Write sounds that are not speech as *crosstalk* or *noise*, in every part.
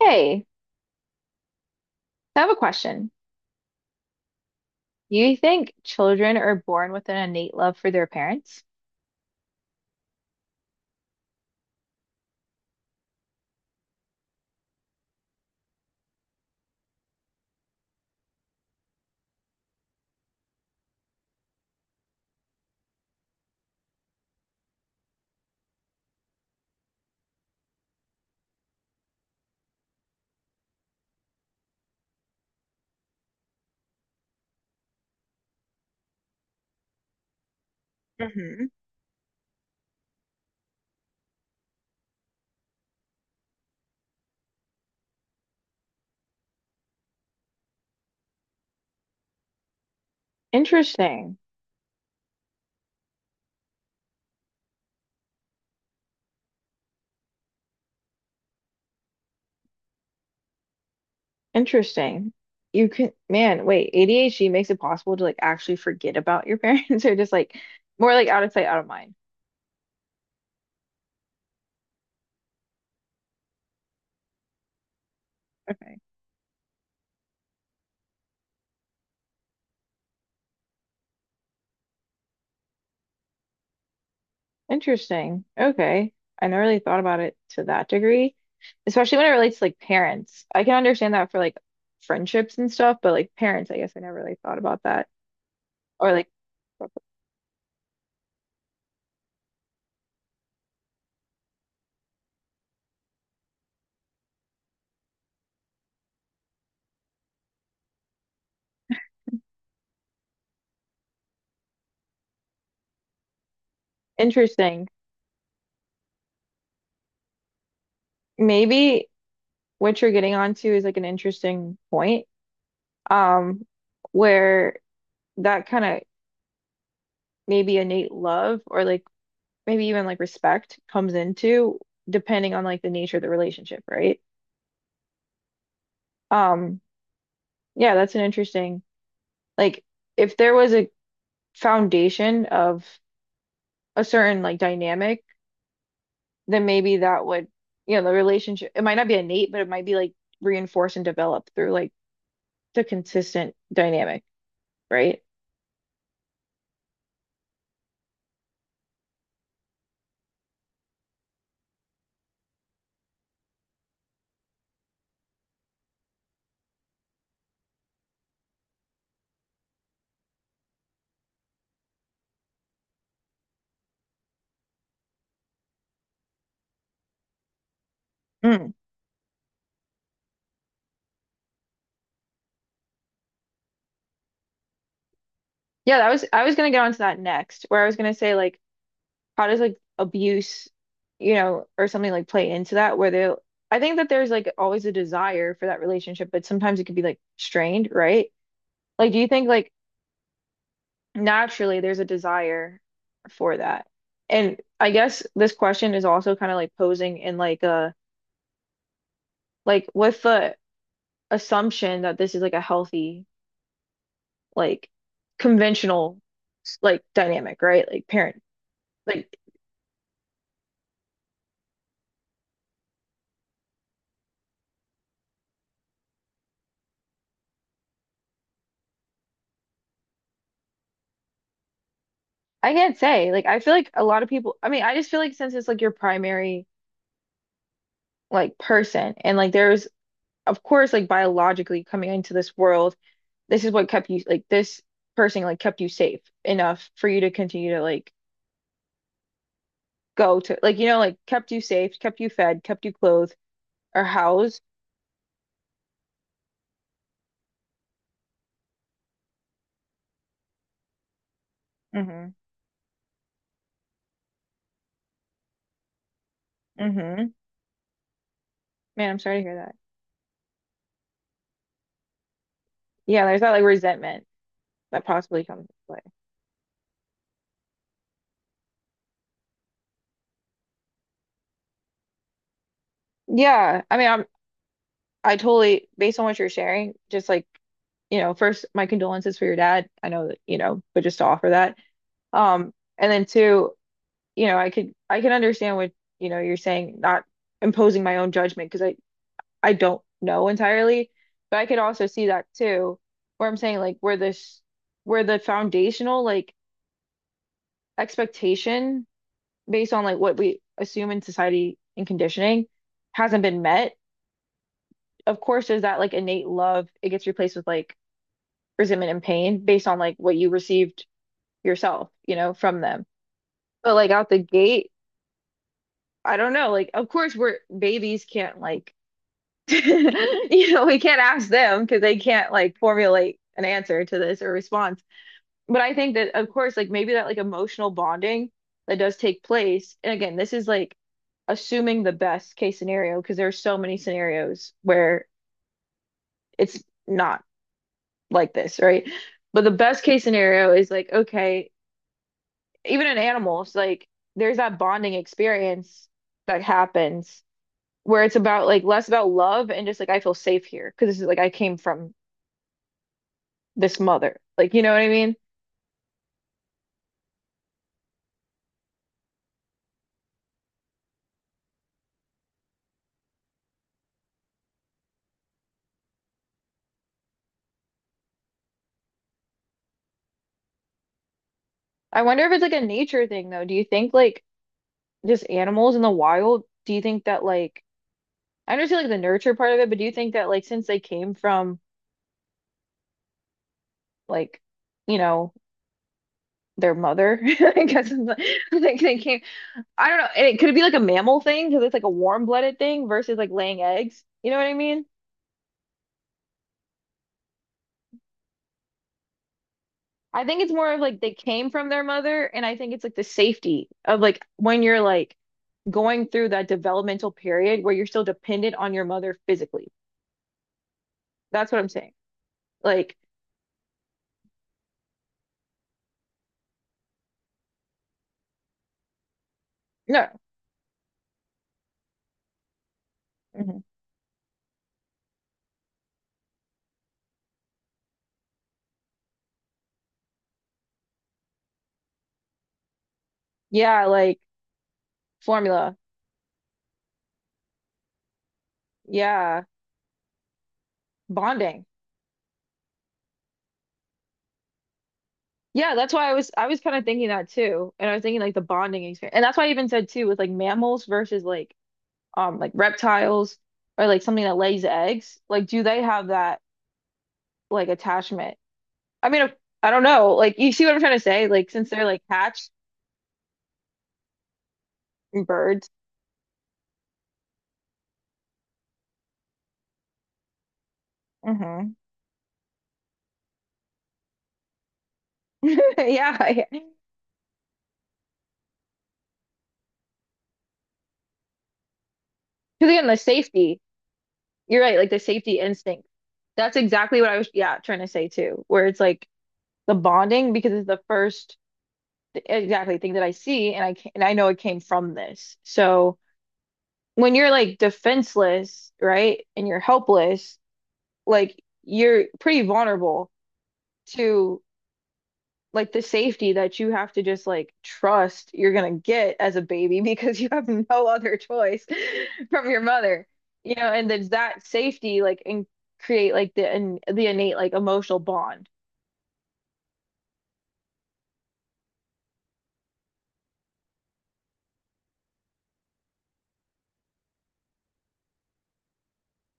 Hey, I have a question. Do you think children are born with an innate love for their parents? Interesting. Interesting. You can, man, wait, ADHD makes it possible to like actually forget about your parents *laughs* or just like more like out of sight, out of mind. Okay. Interesting. Okay. I never really thought about it to that degree, especially when it relates to like parents. I can understand that for like friendships and stuff, but like parents, I guess I never really thought about that. Or like interesting. Maybe what you're getting onto is like an interesting point, um, where that kind of maybe innate love or like maybe even like respect comes into depending on like the nature of the relationship, right? Um, yeah, that's an interesting like if there was a foundation of a certain like dynamic, then maybe that would, you know, the relationship it might not be innate, but it might be like reinforced and developed through like the consistent dynamic, right? Mm. Yeah, that was I was gonna get onto that next, where I was gonna say like how does like abuse, you know, or something like play into that where they I think that there's like always a desire for that relationship, but sometimes it could be like strained, right? Like do you think like naturally there's a desire for that? And I guess this question is also kind of like posing in like a like with the assumption that this is like a healthy, like conventional like dynamic, right? Like parent. Like. I can't say. Like, I feel like a lot of people, I mean, I just feel like since it's like your primary like person and like there's of course like biologically coming into this world, this is what kept you like this person like kept you safe enough for you to continue to like go to like you know like kept you safe, kept you fed, kept you clothed or housed. Mm-hmm. Mm-hmm. Man, I'm sorry to hear that. Yeah, there's that like resentment that possibly comes into play. Yeah, I mean, I totally based on what you're sharing, just like you know, first, my condolences for your dad. I know that, you know, but just to offer that. Um, and then two, you know, I can understand what, you know, you're saying, not imposing my own judgment because I don't know entirely, but I could also see that too, where I'm saying like where the foundational like expectation based on like what we assume in society and conditioning hasn't been met. Of course, there's that like innate love. It gets replaced with like resentment and pain based on like what you received yourself, you know, from them. But like out the gate, I don't know. Like, of course, we're babies can't like, *laughs* you know, we can't ask them because they can't like formulate an answer to this or response. But I think that, of course, like maybe that like emotional bonding that does take place. And again, this is like assuming the best case scenario because there are so many scenarios where it's not like this, right? But the best case scenario is like, okay, even in animals, like there's that bonding experience that happens where it's about like less about love and just like I feel safe here because this is like I came from this mother. Like, you know what I mean? I wonder if it's like a nature thing though. Do you think like just animals in the wild, do you think that like I understand like the nurture part of it, but do you think that like since they came from like, you know, their mother, *laughs* I guess it's like they came I don't know. And it be like a mammal thing because it's like a warm-blooded thing versus like laying eggs. You know what I mean? I think it's more of like they came from their mother, and I think it's like the safety of like when you're like going through that developmental period where you're still dependent on your mother physically. That's what I'm saying. Like, no. Mhm. Yeah, like formula. Yeah, bonding. Yeah, that's why I was kind of thinking that too. And I was thinking like the bonding experience. And that's why I even said too with like mammals versus like reptiles or like something that lays eggs, like do they have that like attachment? I mean, I don't know. Like, you see what I'm trying to say? Like, since they're like hatched and birds, hmm *laughs* yeah, yeah. Because again, the safety. You're right. Like the safety instinct. That's exactly what I was, yeah, trying to say too. Where it's like the bonding because it's the first exactly thing that I see, and I know it came from this. So when you're like defenseless, right, and you're helpless, like you're pretty vulnerable to like the safety that you have to just like trust you're gonna get as a baby *laughs* because you have no other choice *laughs* from your mother, you know, and there's that safety like and create like the innate like emotional bond.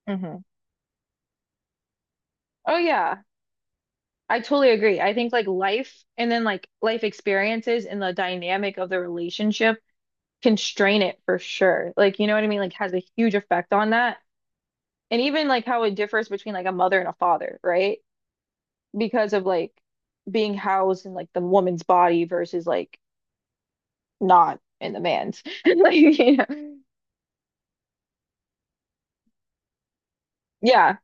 Hmm. Oh yeah, I totally agree. I think like life experiences and the dynamic of the relationship constrain it for sure. Like you know what I mean? Like has a huge effect on that. And even like how it differs between like a mother and a father, right? Because of like being housed in like the woman's body versus like not in the man's. *laughs* Like, you know. Yeah,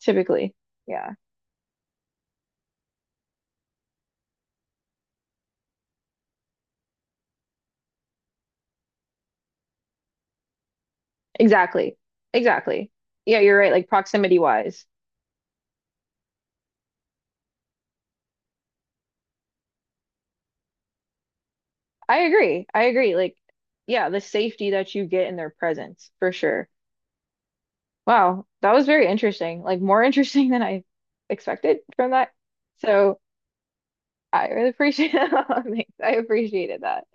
typically. Yeah. Exactly. Exactly. Yeah, you're right. Like proximity wise. I agree. I agree. Like, yeah, the safety that you get in their presence for sure. Wow, that was very interesting. Like more *laughs* interesting than I expected from that. So I really appreciate *laughs* that. Thanks. I appreciated that.